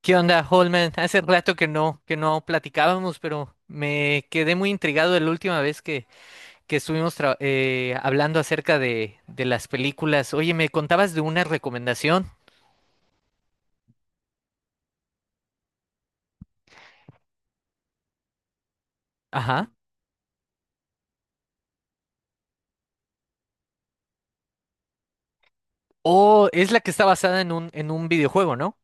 ¿Qué onda, Holman? Hace rato que no platicábamos, pero me quedé muy intrigado de la última vez que estuvimos hablando acerca de las películas. Oye, me contabas de una recomendación. Ajá. O es la que está basada en un videojuego, ¿no?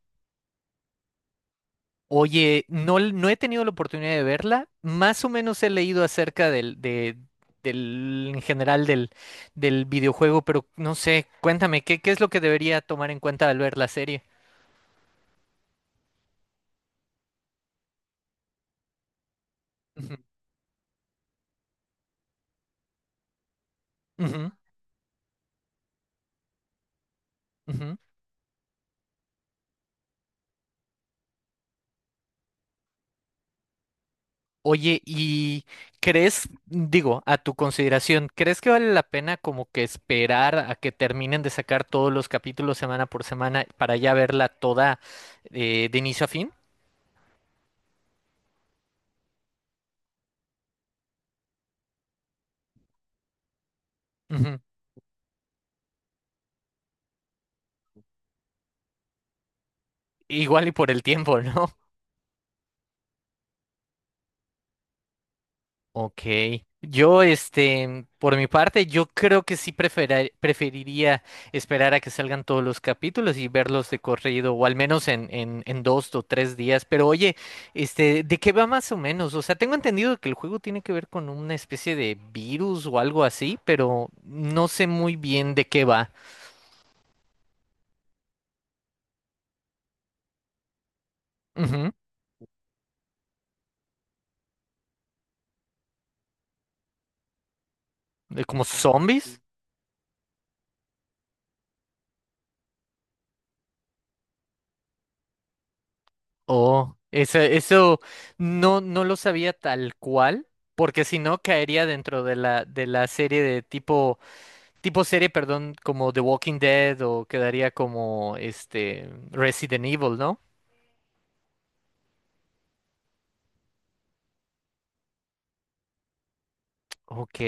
Oye, no, no he tenido la oportunidad de verla. Más o menos he leído acerca en general del videojuego, pero no sé, cuéntame, ¿ qué es lo que debería tomar en cuenta al ver la serie? Ujú, ujú, ujú. Oye, ¿y crees, digo, a tu consideración, crees que vale la pena como que esperar a que terminen de sacar todos los capítulos semana por semana para ya verla toda de inicio a fin? Ujú. Igual y por el tiempo, ¿no? Ok. Yo, este, por mi parte, yo creo que sí preferiría esperar a que salgan todos los capítulos y verlos de corrido, o al menos en dos o tres días. Pero oye, este, ¿de qué va más o menos? O sea, tengo entendido que el juego tiene que ver con una especie de virus o algo así, pero no sé muy bien de qué va. Ujú. ¿De como zombies? Oh, eso no, no lo sabía tal cual, porque si no caería dentro de la serie de tipo serie, perdón, como The Walking Dead o quedaría como este Resident Evil, ¿no? Ok.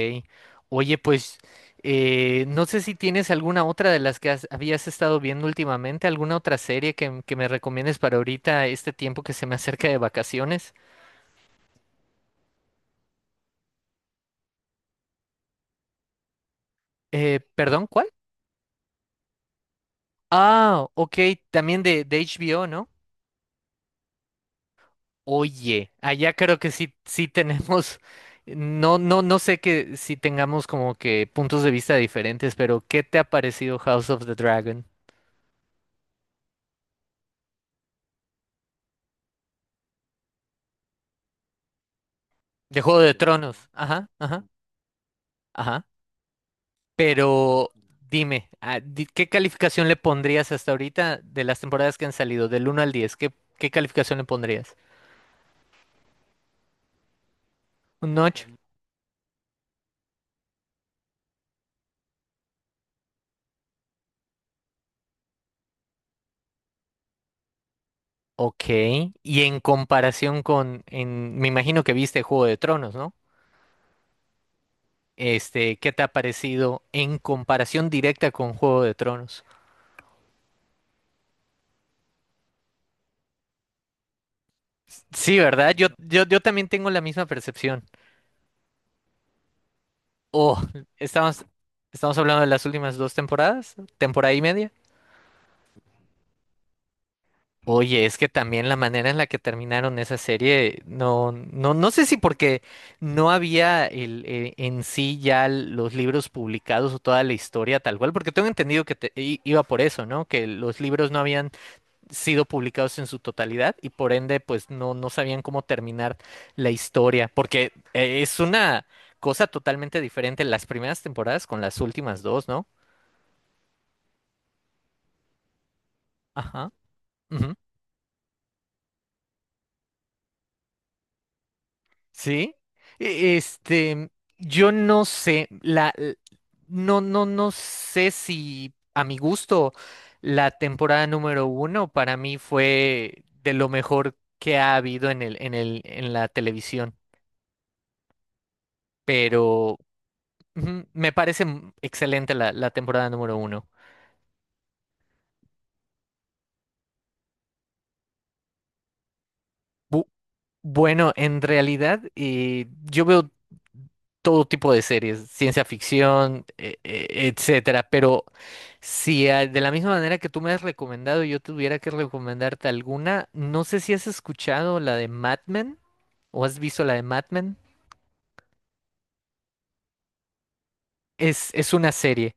Oye, pues no sé si tienes alguna otra de las que habías estado viendo últimamente, alguna otra serie que me recomiendes para ahorita, este tiempo que se me acerca de vacaciones. Perdón, ¿cuál? Ah, ok, también de HBO, ¿no? Oye, allá creo que sí tenemos, no, no, no sé que si tengamos como que puntos de vista diferentes, pero ¿qué te ha parecido House of the Dragon? De Juego de Tronos, ajá, ajá, ajá. Pero dime, ¿qué calificación le pondrías hasta ahorita de las temporadas que han salido, del uno al 10? ¿ qué calificación le pondrías? ¿Un ocho? Ok, y en comparación con, me imagino que viste Juego de Tronos, ¿no? Este, ¿qué te ha parecido en comparación directa con Juego de Tronos? Sí, ¿verdad? Yo también tengo la misma percepción. Oh, estamos, estamos hablando de las últimas dos temporadas, temporada y media. Oye, es que también la manera en la que terminaron esa serie, no, no, no sé si porque no había en sí ya los libros publicados o toda la historia tal cual, porque tengo entendido que iba por eso, ¿no? Que los libros no habían sido publicados en su totalidad y por ende pues no, no sabían cómo terminar la historia, porque es una cosa totalmente diferente las primeras temporadas con las últimas dos, ¿no? Ajá, ujú, sí. Este, yo no sé, la, l- no, no, no sé si a mi gusto la temporada número uno para mí fue de lo mejor que ha habido en la televisión. Pero ujú, me parece excelente la temporada número uno. Bu- bueno, en realidad yo veo todo tipo de series, ciencia ficción, etcétera, pero si de la misma manera que tú me has recomendado, yo tuviera que recomendarte alguna, no sé si has escuchado la de Mad Men o has visto la de Mad Men. Es una serie.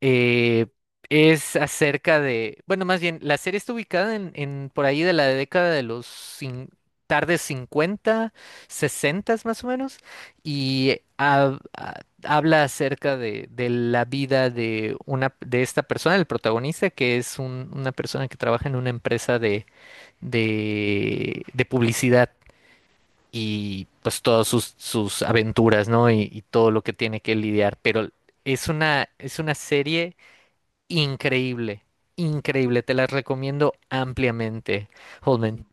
Eh, es acerca de, bueno, más bien, la serie está ubicada en por ahí de la década de los tardes 50, 60 más o menos, y habla acerca de la vida de una de esta persona, el protagonista, que es una persona que trabaja en una empresa de publicidad. Y pues todas sus, sus aventuras, ¿no? Y todo lo que tiene que lidiar. Pero es una serie increíble, increíble, te las recomiendo ampliamente, Holman.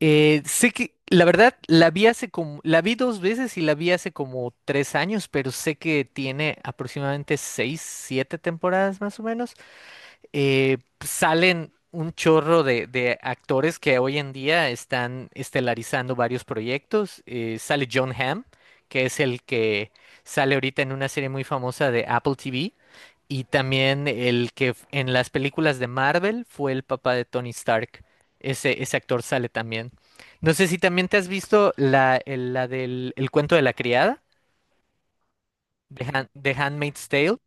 Sé que la verdad la vi hace como, la vi dos veces y la vi hace como tres años, pero sé que tiene aproximadamente seis, siete temporadas más o menos. Eh, salen un chorro de actores que hoy en día están estelarizando varios proyectos. Sale John Hamm, que es el que sale ahorita en una serie muy famosa de Apple TV. Y también el que en las películas de Marvel fue el papá de Tony Stark. Ese actor sale también. No sé si también te has visto la, el- la del el cuento de la criada, de de Handmaid's Tale.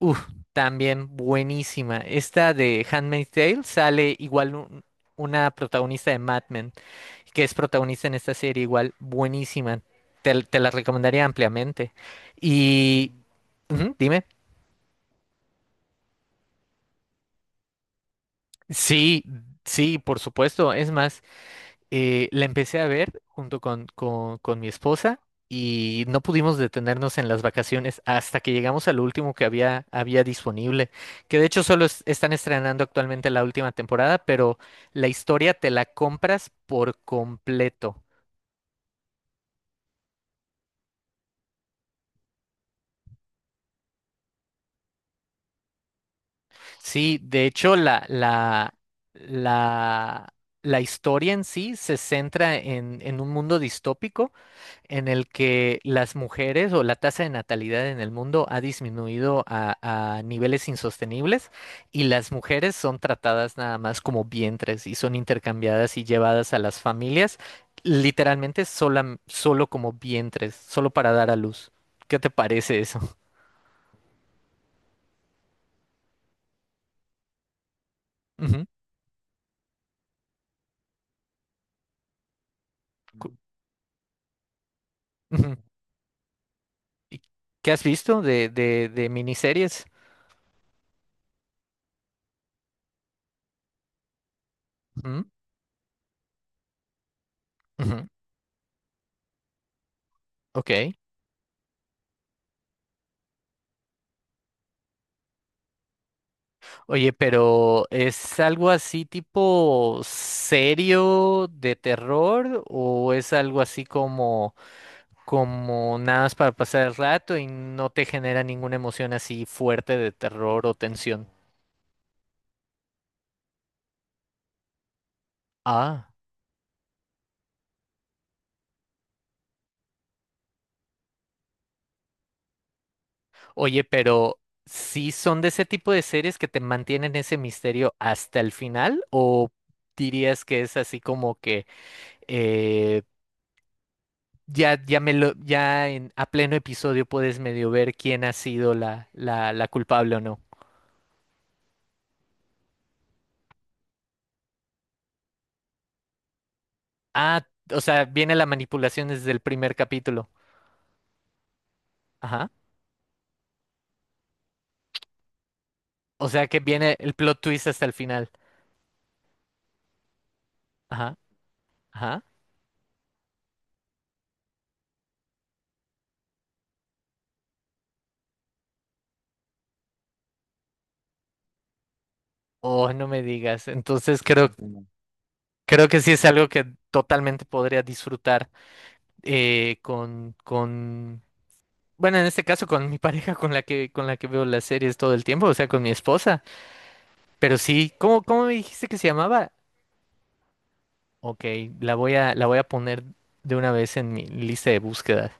Uf, también buenísima. Esta de Handmaid's Tale sale igual una protagonista de Mad Men, que es protagonista en esta serie, igual buenísima. Te la recomendaría ampliamente. Y... ujú, dime. Sí, sí, por supuesto. Es más, la empecé a ver junto con mi esposa y no pudimos detenernos en las vacaciones hasta que llegamos al último que había disponible, que de hecho solo están estrenando actualmente la última temporada, pero la historia te la compras por completo. Sí, de hecho, la, la historia en sí se centra en un mundo distópico en el que las mujeres o la tasa de natalidad en el mundo ha disminuido a niveles insostenibles y las mujeres son tratadas nada más como vientres y son intercambiadas y llevadas a las familias literalmente solo como vientres, solo para dar a luz. ¿Qué te parece eso? Ujú, cu- ujú. ¿Y ¿Qué has visto de miniseries? Ujú, ujú, ok. Oye, pero ¿es algo así tipo serio de terror o es algo así como como nada más para pasar el rato y no te genera ninguna emoción así fuerte de terror o tensión? Ah, oye, pero ¿sí son de ese tipo de series que te mantienen ese misterio hasta el final o dirías que es así como que eh, ya en, a pleno episodio puedes medio ver quién ha sido la culpable o no. Ah, o sea, viene la manipulación desde el primer capítulo. Ajá. O sea que viene el plot twist hasta el final. Ajá, ajá. Oh, no me digas. Entonces creo, mm, creo que sí es algo que totalmente podría disfrutar eh, con, con, bueno, en este caso con mi pareja con la que veo las series todo el tiempo, o sea, con mi esposa. Pero sí, ¿cómo, cómo me dijiste que se llamaba? Ok, la voy a poner de una vez en mi lista de búsqueda.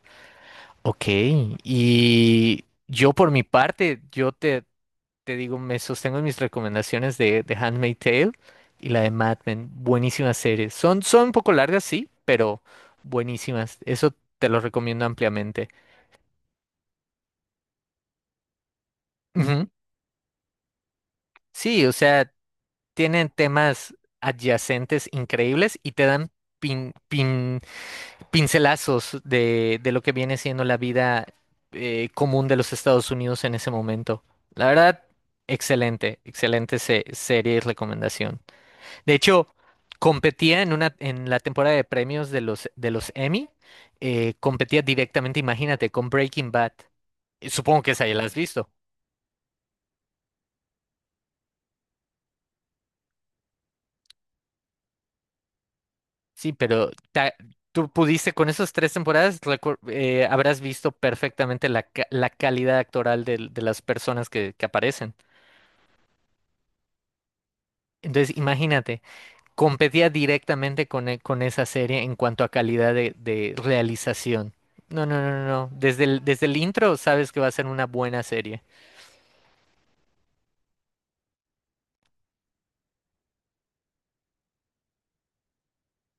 Ok, y yo por mi parte, te digo, me sostengo en mis recomendaciones de Handmaid's Tale y la de Mad Men. Buenísimas series. Son, son un poco largas, sí, pero buenísimas. Eso te lo recomiendo ampliamente. Ujú. Sí, o sea, tienen temas adyacentes increíbles y te dan pin, pincelazos de lo que viene siendo la vida común de los Estados Unidos en ese momento. La verdad, excelente, excelente serie y recomendación. De hecho, competía en la temporada de premios de de los Emmy, competía directamente, imagínate, con Breaking Bad. Supongo que esa ya la has visto. Sí, pero tú pudiste, con esas tres temporadas, habrás visto perfectamente la calidad actoral de las personas que aparecen. Entonces, imagínate, competía directamente con esa serie en cuanto a calidad de realización. No, no, no, no, no. Desde desde el intro sabes que va a ser una buena serie.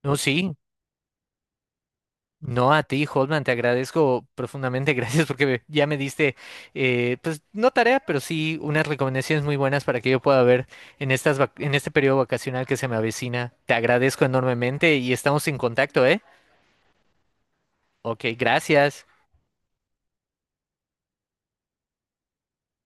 No, sí. No, a ti, Holman, te agradezco profundamente, gracias porque ya me diste, pues no tarea, pero sí unas recomendaciones muy buenas para que yo pueda ver en estas en este periodo vacacional que se me avecina. Te agradezco enormemente y estamos en contacto, ¿eh? Ok, gracias.